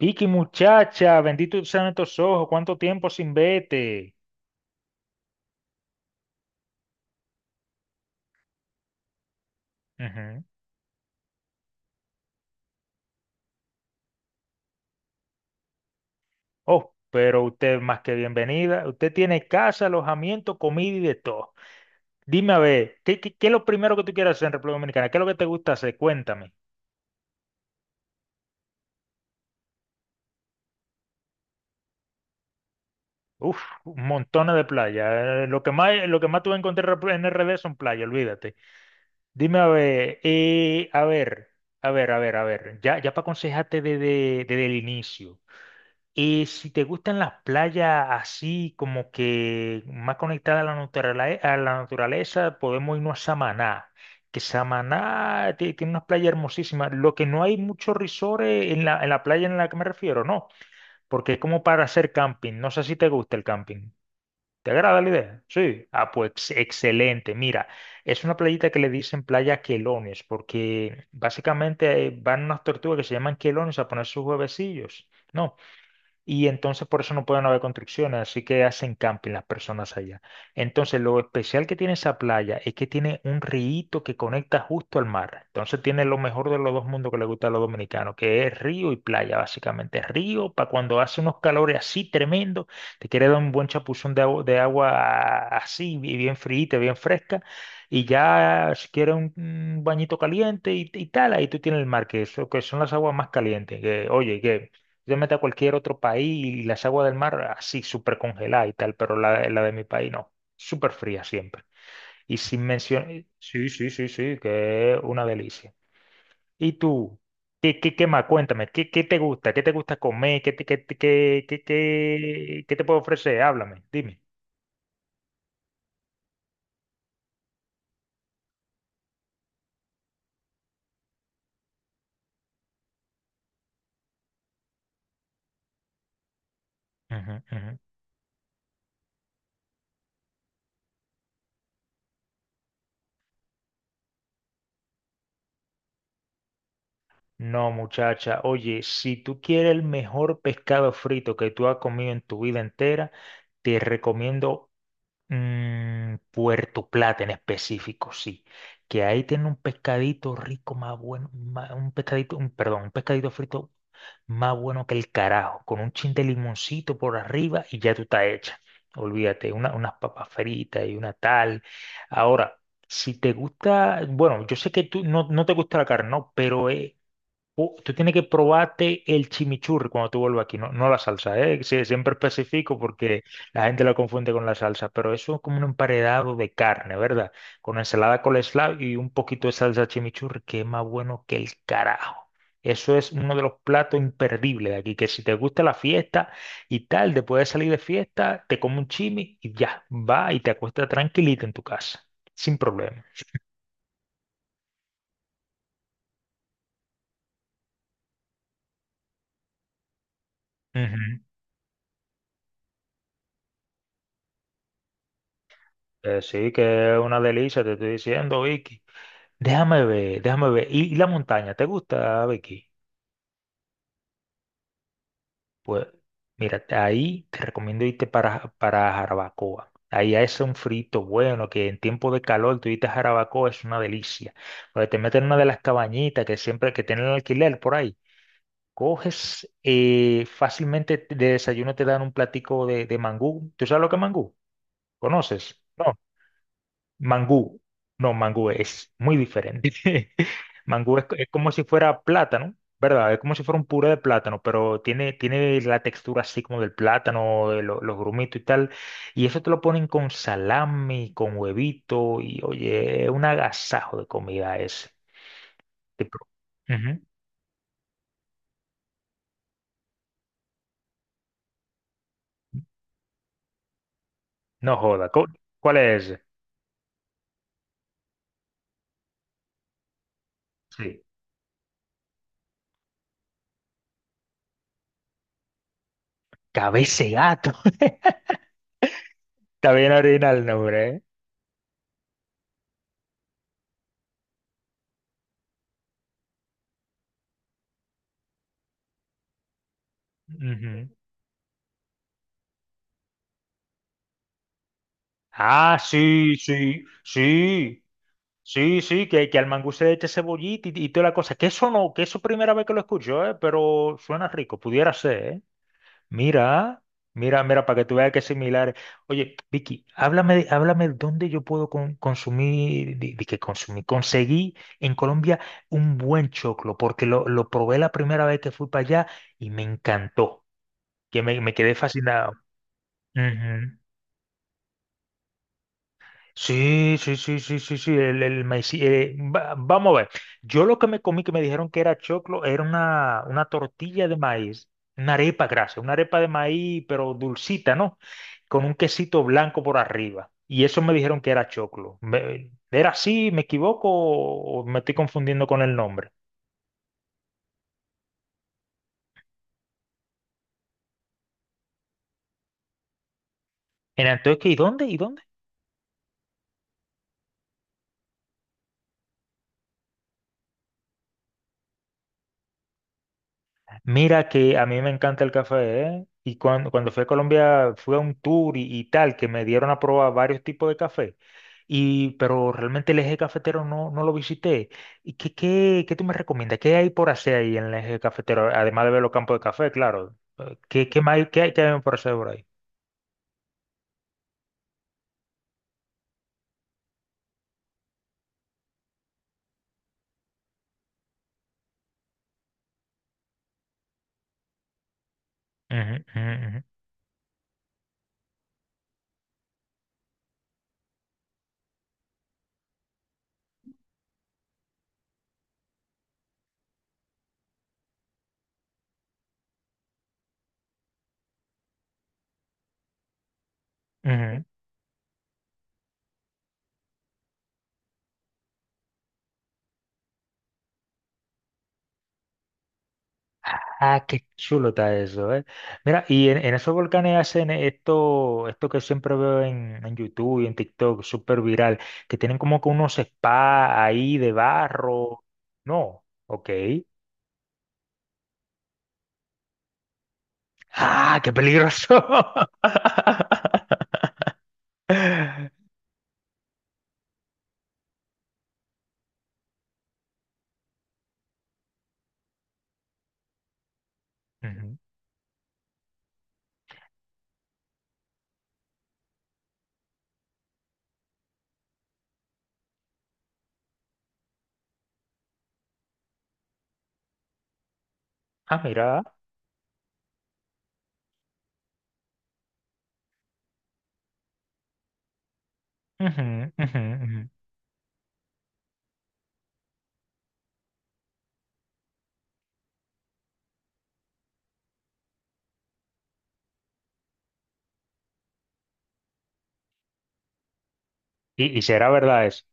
Vicky, muchacha, bendito sean estos ojos, cuánto tiempo sin vete. Ujú. Oh, pero usted más que bienvenida. Usted tiene casa, alojamiento, comida y de todo. Dime a ver, ¿qué es lo primero que tú quieres hacer en República Dominicana? ¿Qué es lo que te gusta hacer? Cuéntame. Uf, montones de playas. Lo que más tú vas a encontrar en RD son playas, olvídate. Dime a ver, a ver, a ver. Ya, ya para aconsejarte desde el inicio. Y si te gustan las playas así, como que más conectadas a a la naturaleza, podemos irnos a Samaná. Que Samaná tiene unas playas hermosísimas. Lo que no hay muchos risores en en la playa en la que me refiero, no. Porque es como para hacer camping. No sé si te gusta el camping. ¿Te agrada la idea? Sí. Ah, pues excelente. Mira, es una playita que le dicen playa quelones, porque básicamente van unas tortugas que se llaman quelones a poner sus huevecillos. ¿No? Y entonces por eso no pueden haber construcciones, así que hacen camping las personas allá. Entonces lo especial que tiene esa playa es que tiene un río que conecta justo al mar. Entonces tiene lo mejor de los dos mundos que le gusta a los dominicanos, que es río y playa, básicamente. Río para cuando hace unos calores así tremendos, te quiere dar un buen chapuzón de agua así, bien fríita, bien fresca. Y ya si quieres un bañito caliente y tal, ahí tú tienes el mar, que, eso, que son las aguas más calientes. Que, oye, que yo me meto a cualquier otro país y las aguas del mar así, súper congeladas y tal, pero la de mi país no, súper fría siempre. Y sin mencionar, sí, sí, sí, sí, que es una delicia. ¿Y tú? ¿Qué más? Cuéntame, qué te gusta? ¿Qué te gusta comer? ¿Qué te, qué te puedo ofrecer? Háblame, dime. Ujú, ujú. No, muchacha, oye, si tú quieres el mejor pescado frito que tú has comido en tu vida entera, te recomiendo Puerto Plata en específico, sí. Que ahí tiene un pescadito rico más bueno, un pescadito frito más bueno que el carajo, con un chin de limoncito por arriba y ya tú estás hecha. Olvídate, unas papas fritas y una tal. Ahora, si te gusta, bueno, yo sé que tú no te gusta la carne, ¿no? Pero tú tienes que probarte el chimichurri cuando tú vuelvas aquí, no, no la salsa, ¿eh? Sí, siempre especifico porque la gente lo confunde con la salsa, pero eso es como un emparedado de carne, ¿verdad? Con ensalada coleslaw y un poquito de salsa chimichurri, que es más bueno que el carajo. Eso es uno de los platos imperdibles de aquí, que si te gusta la fiesta y tal, después de salir de fiesta, te comes un chimi y ya, va y te acuestas tranquilito en tu casa, sin problema. Ujú. Sí, que es una delicia, te estoy diciendo, Vicky. Déjame ver, déjame ver. Y la montaña? ¿Te gusta, Becky? Pues mira, ahí te recomiendo irte para Jarabacoa. Ahí hace un frito bueno, que en tiempo de calor tú irte a Jarabacoa es una delicia. Porque te meten en una de las cabañitas que siempre que tienen alquiler por ahí. Coges fácilmente de desayuno te dan un platico de mangú. ¿Tú sabes lo que es mangú? ¿Conoces? No. Mangú. No, mangú es muy diferente. Mangú es como si fuera plátano, ¿verdad? Es como si fuera un puré de plátano, pero tiene la textura así como del plátano, los grumitos y tal. Y eso te lo ponen con salami, con huevito, y oye, es un agasajo de comida ese. Te pro- Ujú. No joda. ¿Cuál es ese? Sí. Cabeza de gato. Está bien original el nombre, ¿eh? Ujú. Ah, sí, sí, sí. Sí, sí, que al mangú se le eche cebollita y toda la cosa. Que eso no, Que eso primera vez que lo escucho, ¿eh? Pero suena rico, pudiera ser, ¿eh? Mira, mira, para que tú veas que es similar. Oye, Vicky, háblame, dónde yo puedo consumir, conseguí en Colombia un buen choclo, porque lo probé la primera vez que fui para allá y me encantó, me quedé fascinado. Sí, sí, sí, sí, sí, sí, el, vamos a ver. Yo lo que me comí que me dijeron que era choclo era una tortilla de maíz, una arepa grasa, una arepa de maíz, pero dulcita, ¿no? Con un quesito blanco por arriba. Y eso me dijeron que era choclo. ¿Era así? ¿Me equivoco o me estoy confundiendo con el nombre? Era entonces, ¿y dónde? ¿Y dónde? Mira que a mí me encanta el café, ¿eh? Y cuando fui a Colombia fui a un tour y tal, que me dieron a probar varios tipos de café. Y, pero realmente el eje cafetero no lo visité. ¿Y qué tú me recomiendas? ¿Qué hay por hacer ahí en el eje cafetero? Además de ver los campos de café, claro. Qué más hay, qué hay por hacer por ahí? Ujú, ujú, ujú, ujú. Ah, qué chulo está eso, ¿eh? Mira, y en esos volcanes hacen esto, esto que siempre veo en YouTube y en TikTok, súper viral, que tienen como que unos spas ahí de barro. No, ok. Ah, qué peligroso. Ujú. Ah, mira. Ujú, ujú, ujú. Y será verdad eso.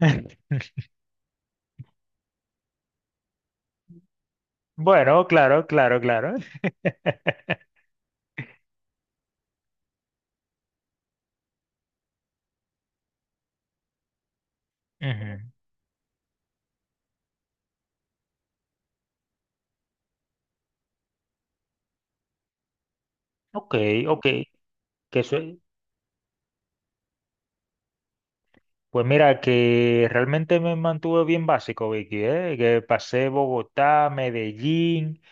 Bueno, claro, claro, claro. Ujú. Ok, ok. Que eso, pues mira, que realmente me mantuve bien básico, Vicky, ¿eh? Que pasé Bogotá, Medellín,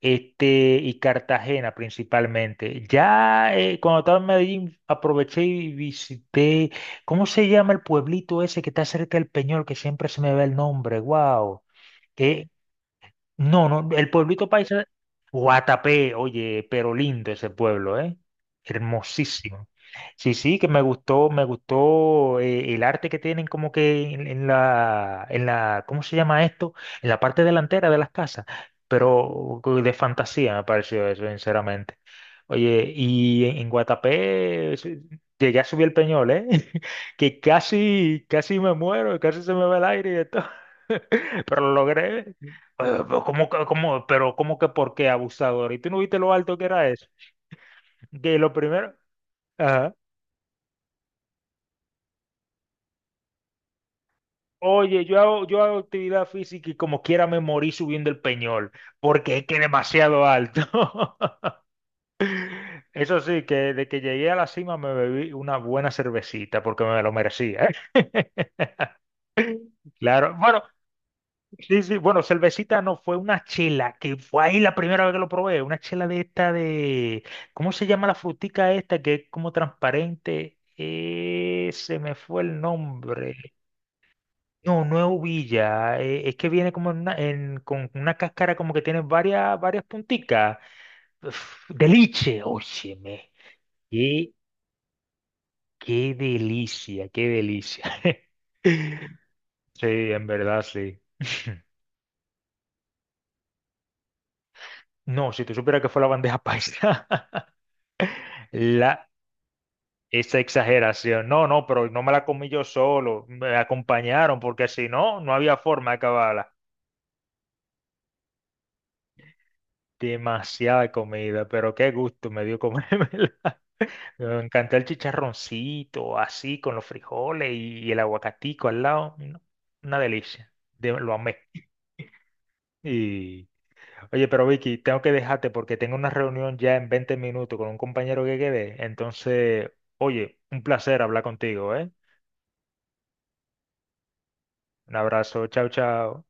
este, y Cartagena principalmente. Ya cuando estaba en Medellín aproveché y visité, ¿cómo se llama el pueblito ese que está cerca del Peñol, que siempre se me ve el nombre? ¡Wow! No, no, el pueblito paisa, Guatapé, oye, pero lindo ese pueblo, ¿eh? Hermosísimo. Sí, sí, que me gustó el arte que tienen como que en la, ¿cómo se llama esto? En la parte delantera de las casas, pero de fantasía me pareció eso, sinceramente. Oye, y en Guatapé sí, llegué a subir el Peñol, ¿eh? Que casi, casi me muero, casi se me va el aire y de todo. Pero lo logré, pero cómo, pero cómo que por qué abusador? ¿Y tú no viste lo alto que era eso? Que lo primero, ajá. Oye, yo hago actividad física y como quiera me morí subiendo el peñol, porque es que demasiado alto. Eso sí, que de que llegué a la cima me bebí una buena cervecita porque me lo merecía. Claro, bueno, sí, sí, bueno, cervecita no, fue una chela, que fue ahí la primera vez que lo probé, una chela de esta de, ¿cómo se llama la frutica esta que es como transparente? Se me fue el nombre. No, no es uvilla, es que viene como en con una cáscara como que tiene varias punticas. Uf, de liche, óyeme, qué, qué delicia, qué delicia. Sí, en verdad, sí. No, si tú supieras que fue la bandeja paisa. La, esa exageración. No, no, pero no me la comí yo solo. Me acompañaron porque si no, no había forma de acabarla. Demasiada comida, pero qué gusto me dio comérmela. Me encantó el chicharroncito, así, con los frijoles y el aguacatico al lado. No, una delicia. Lo amé. Y, oye, pero Vicky, tengo que dejarte porque tengo una reunión ya en 20 minutos con un compañero que quedé. Entonces, oye, un placer hablar contigo, ¿eh? Un abrazo, chao, chao.